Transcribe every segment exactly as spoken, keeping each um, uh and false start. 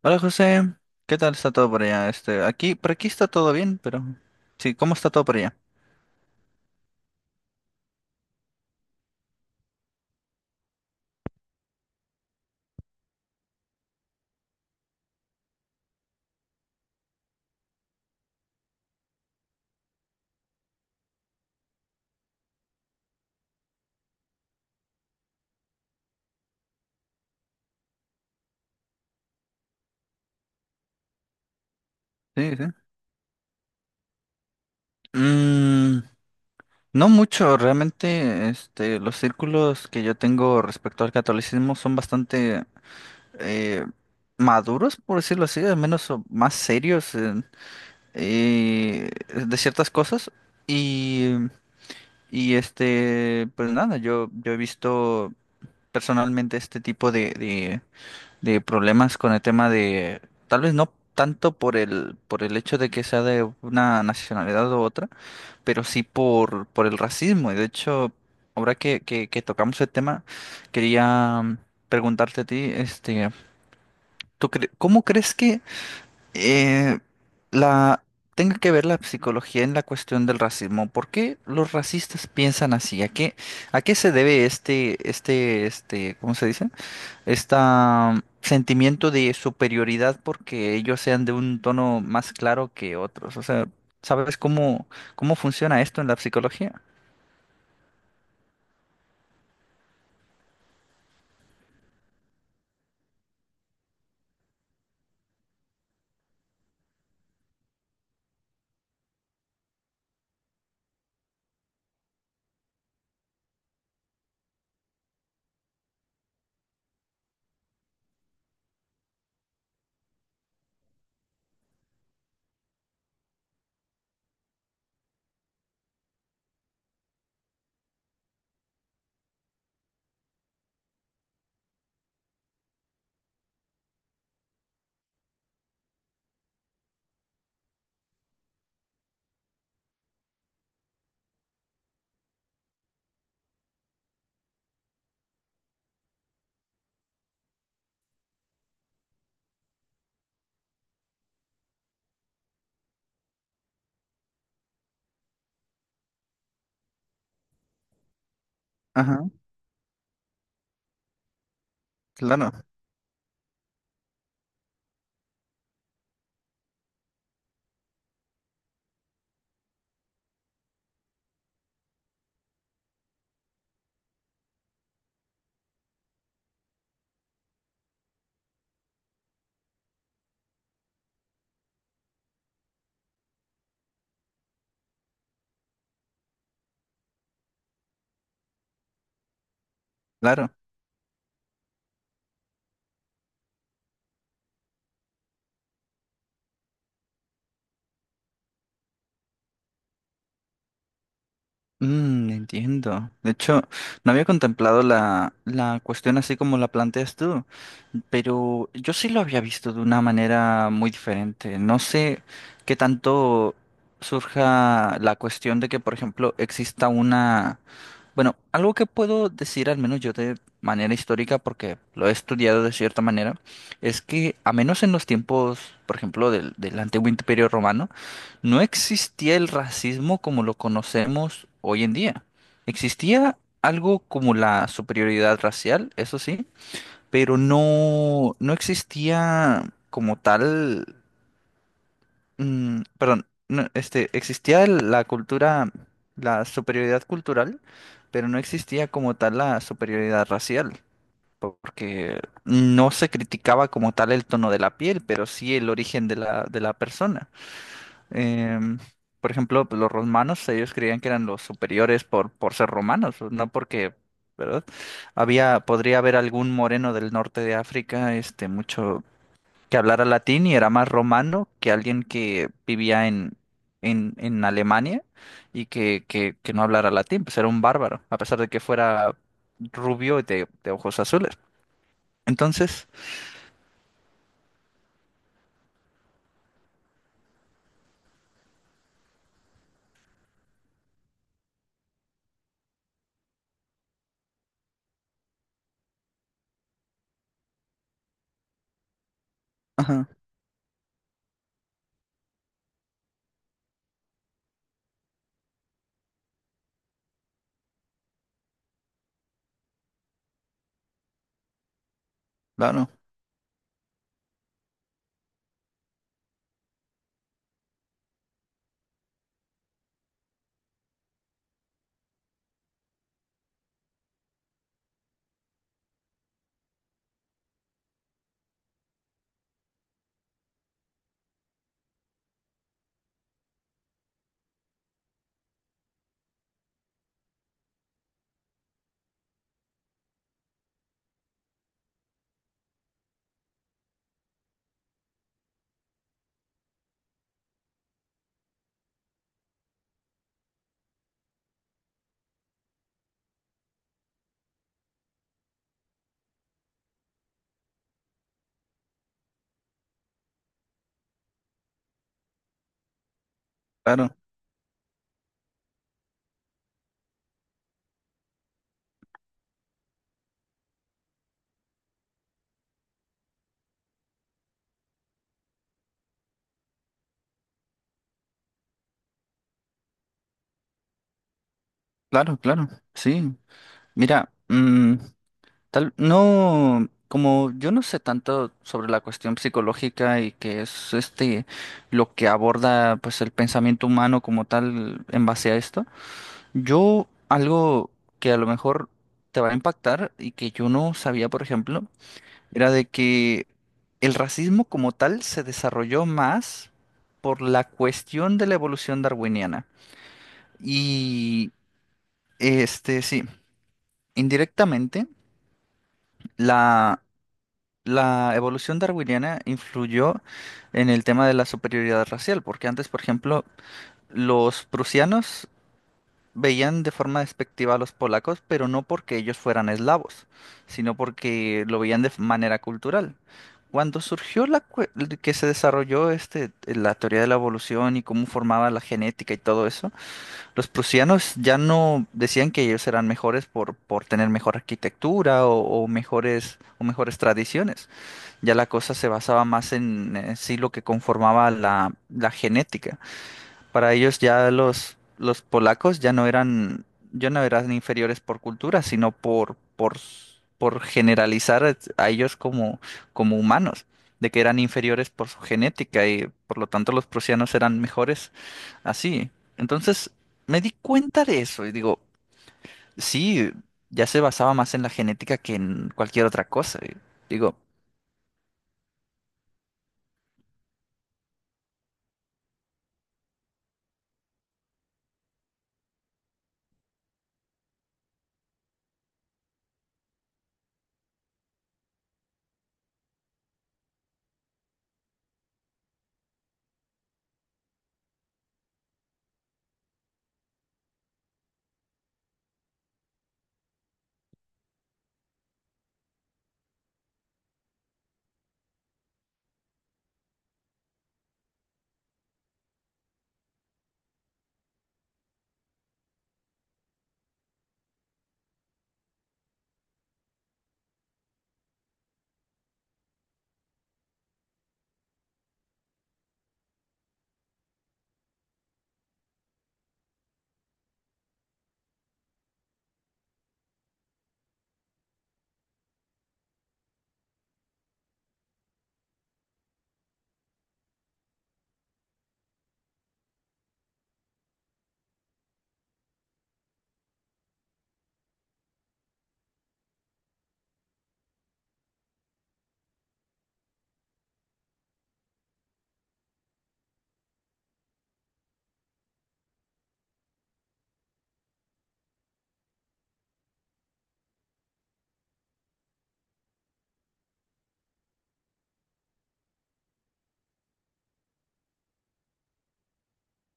Hola José, ¿qué tal está todo por allá? Este, aquí, por aquí está todo bien, pero sí, ¿cómo está todo por allá? Sí, sí. Mm, no mucho, realmente, este, los círculos que yo tengo respecto al catolicismo son bastante eh, maduros, por decirlo así, al menos o más serios en- eh, de ciertas cosas. Y, y este, pues nada, yo, yo he visto personalmente este tipo de problemas con el tema de, tal vez no tanto por el, por el, hecho de que sea de una nacionalidad u otra, pero sí por, por el racismo. Y de hecho, ahora que, que, que tocamos el tema, quería mm, preguntarte a ti, este, ¿tú cre- cómo crees que eh, la tenga que ver la psicología en la cuestión del racismo? ¿Por qué los racistas piensan así? ¿A qué, a qué se debe este, este, este, (¿cómo se dice?) Este sentimiento de superioridad porque ellos sean de un tono más claro que otros? O sea, ¿sabes cómo, cómo funciona esto en la psicología? Ajá, claro, claro. Mm, entiendo. De hecho, no había contemplado la, la cuestión así como la planteas tú, pero yo sí lo había visto de una manera muy diferente. No sé qué tanto surja la cuestión de que, por ejemplo, exista una. Bueno, algo que puedo decir, al menos yo de manera histórica, porque lo he estudiado de cierta manera, es que a menos en los tiempos, por ejemplo, del, del antiguo Imperio Romano, no existía el racismo como lo conocemos hoy en día. Existía algo como la superioridad racial, eso sí, pero no, no existía como tal. Mm, perdón, no, este, existía el- la cultura, la superioridad cultural, pero no existía como tal la superioridad racial, porque no se criticaba como tal el tono de la piel, pero sí el origen de la, de la persona. Em, por ejemplo, pues, los romanos, ellos creían que eran los superiores por, por ser romanos, no porque, ¿verdad? Había, podría haber algún moreno del norte de África, este, mucho que hablara latín y era más romano que alguien que vivía en, en, en Alemania y que, que, que no hablara latín, pues era un bárbaro, a pesar de que fuera rubio y de, de ojos azules. Entonces, ajá, claro, claro, claro, claro, sí. Mira, mm, tal, no, como yo no sé tanto sobre la cuestión psicológica y que es este lo que aborda pues el pensamiento humano como tal en base a esto. Yo, algo que a lo mejor te va a impactar y que yo no sabía, por ejemplo, era de que el racismo como tal se desarrolló más por la cuestión de la evolución darwiniana. Y este, sí, indirectamente, la, la evolución darwiniana influyó en el tema de la superioridad racial, porque antes, por ejemplo, los prusianos veían de forma despectiva a los polacos, pero no porque ellos fueran eslavos, sino porque lo veían de f- manera cultural. Cuando surgió la cue- que se desarrolló este, la teoría de la evolución y cómo formaba la genética y todo eso, los prusianos ya no decían que ellos eran mejores por, por tener mejor arquitectura o, o mejores, o mejores tradiciones. Ya la cosa se basaba más en, eh, sí lo que conformaba la, la genética. Para ellos ya los, los polacos ya no eran, ya no eran inferiores por cultura, sino por, por, por generalizar a a ellos como, como humanos, de que eran inferiores por su genética y por lo tanto los prusianos eran mejores así. Entonces me di cuenta de eso y digo, sí, ya se basaba más en la genética que en cualquier otra cosa. Y digo,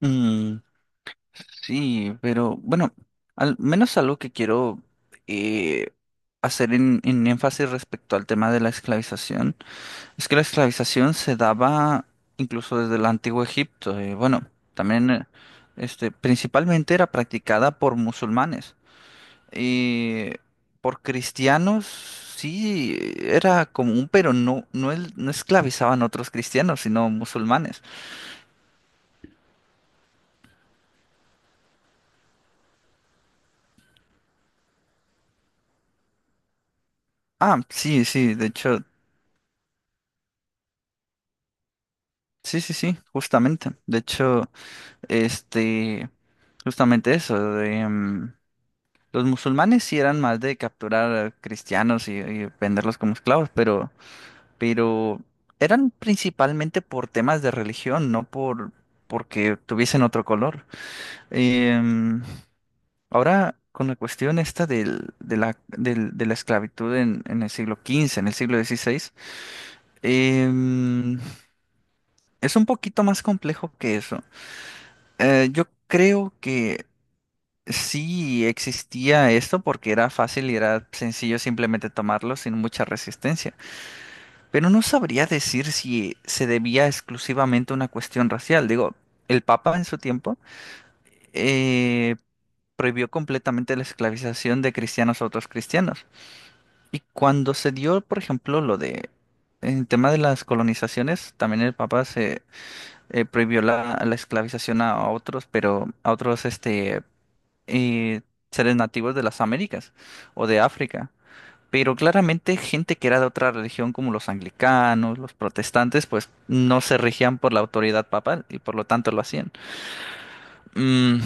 "Mm, sí, pero bueno, al menos algo que quiero eh, hacer en, en, énfasis respecto al tema de la esclavización es que la esclavización se daba incluso desde el antiguo Egipto. Eh, bueno, también eh, este, principalmente era practicada por musulmanes. eh, por cristianos sí era común, pero no, no, el- no esclavizaban a otros cristianos, sino musulmanes. Ah, sí, sí, de hecho, sí, sí, sí, justamente. De hecho. Este, justamente eso, de, mm, los musulmanes sí eran más de capturar eh, cristianos y, y venderlos como esclavos, pero, pero, eran principalmente por temas de religión, no por porque tuviesen otro color. Em, Ahora, con la cuestión esta del, de la, del- de la esclavitud en, en el siglo quince en el siglo dieciséis em, es un poquito más complejo que eso. Eh, yo creo que sí, existía esto porque era fácil y era sencillo simplemente tomarlo sin mucha resistencia. Pero no sabría decir si se debía exclusivamente a una cuestión racial. Digo, el Papa en su tiempo eh, prohibió completamente la esclavización de cristianos a otros cristianos. Y cuando se dio, por ejemplo, lo de el tema de las colonizaciones, también el Papa se eh, prohibió la, la esclavización a, a otros, pero a otros este eh, seres nativos de las Américas o de África. Pero claramente gente que era de otra religión como los anglicanos, los protestantes, pues no se regían por la autoridad papal y por lo tanto lo hacían. Mm,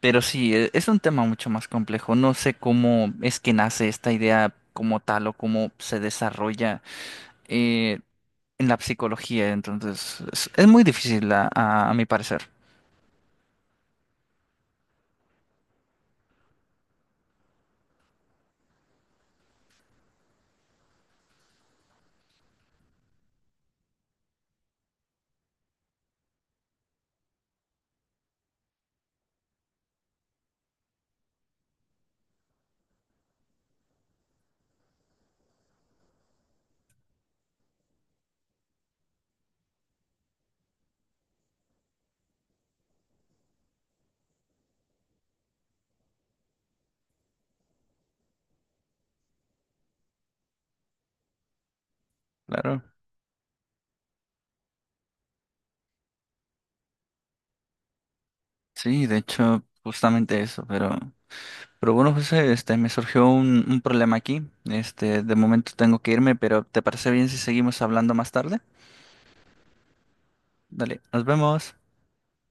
pero sí, e- es un tema mucho más complejo. No sé cómo es que nace esta idea como tal o cómo se desarrolla eh, en la psicología. Entonces, es, es muy difícil a a- a mi parecer. Claro. Sí, de hecho, justamente eso, pero... pero bueno, José, este, me surgió un, un problema aquí. Este, de momento tengo que irme, pero ¿te parece bien si seguimos hablando más tarde? Dale, nos vemos.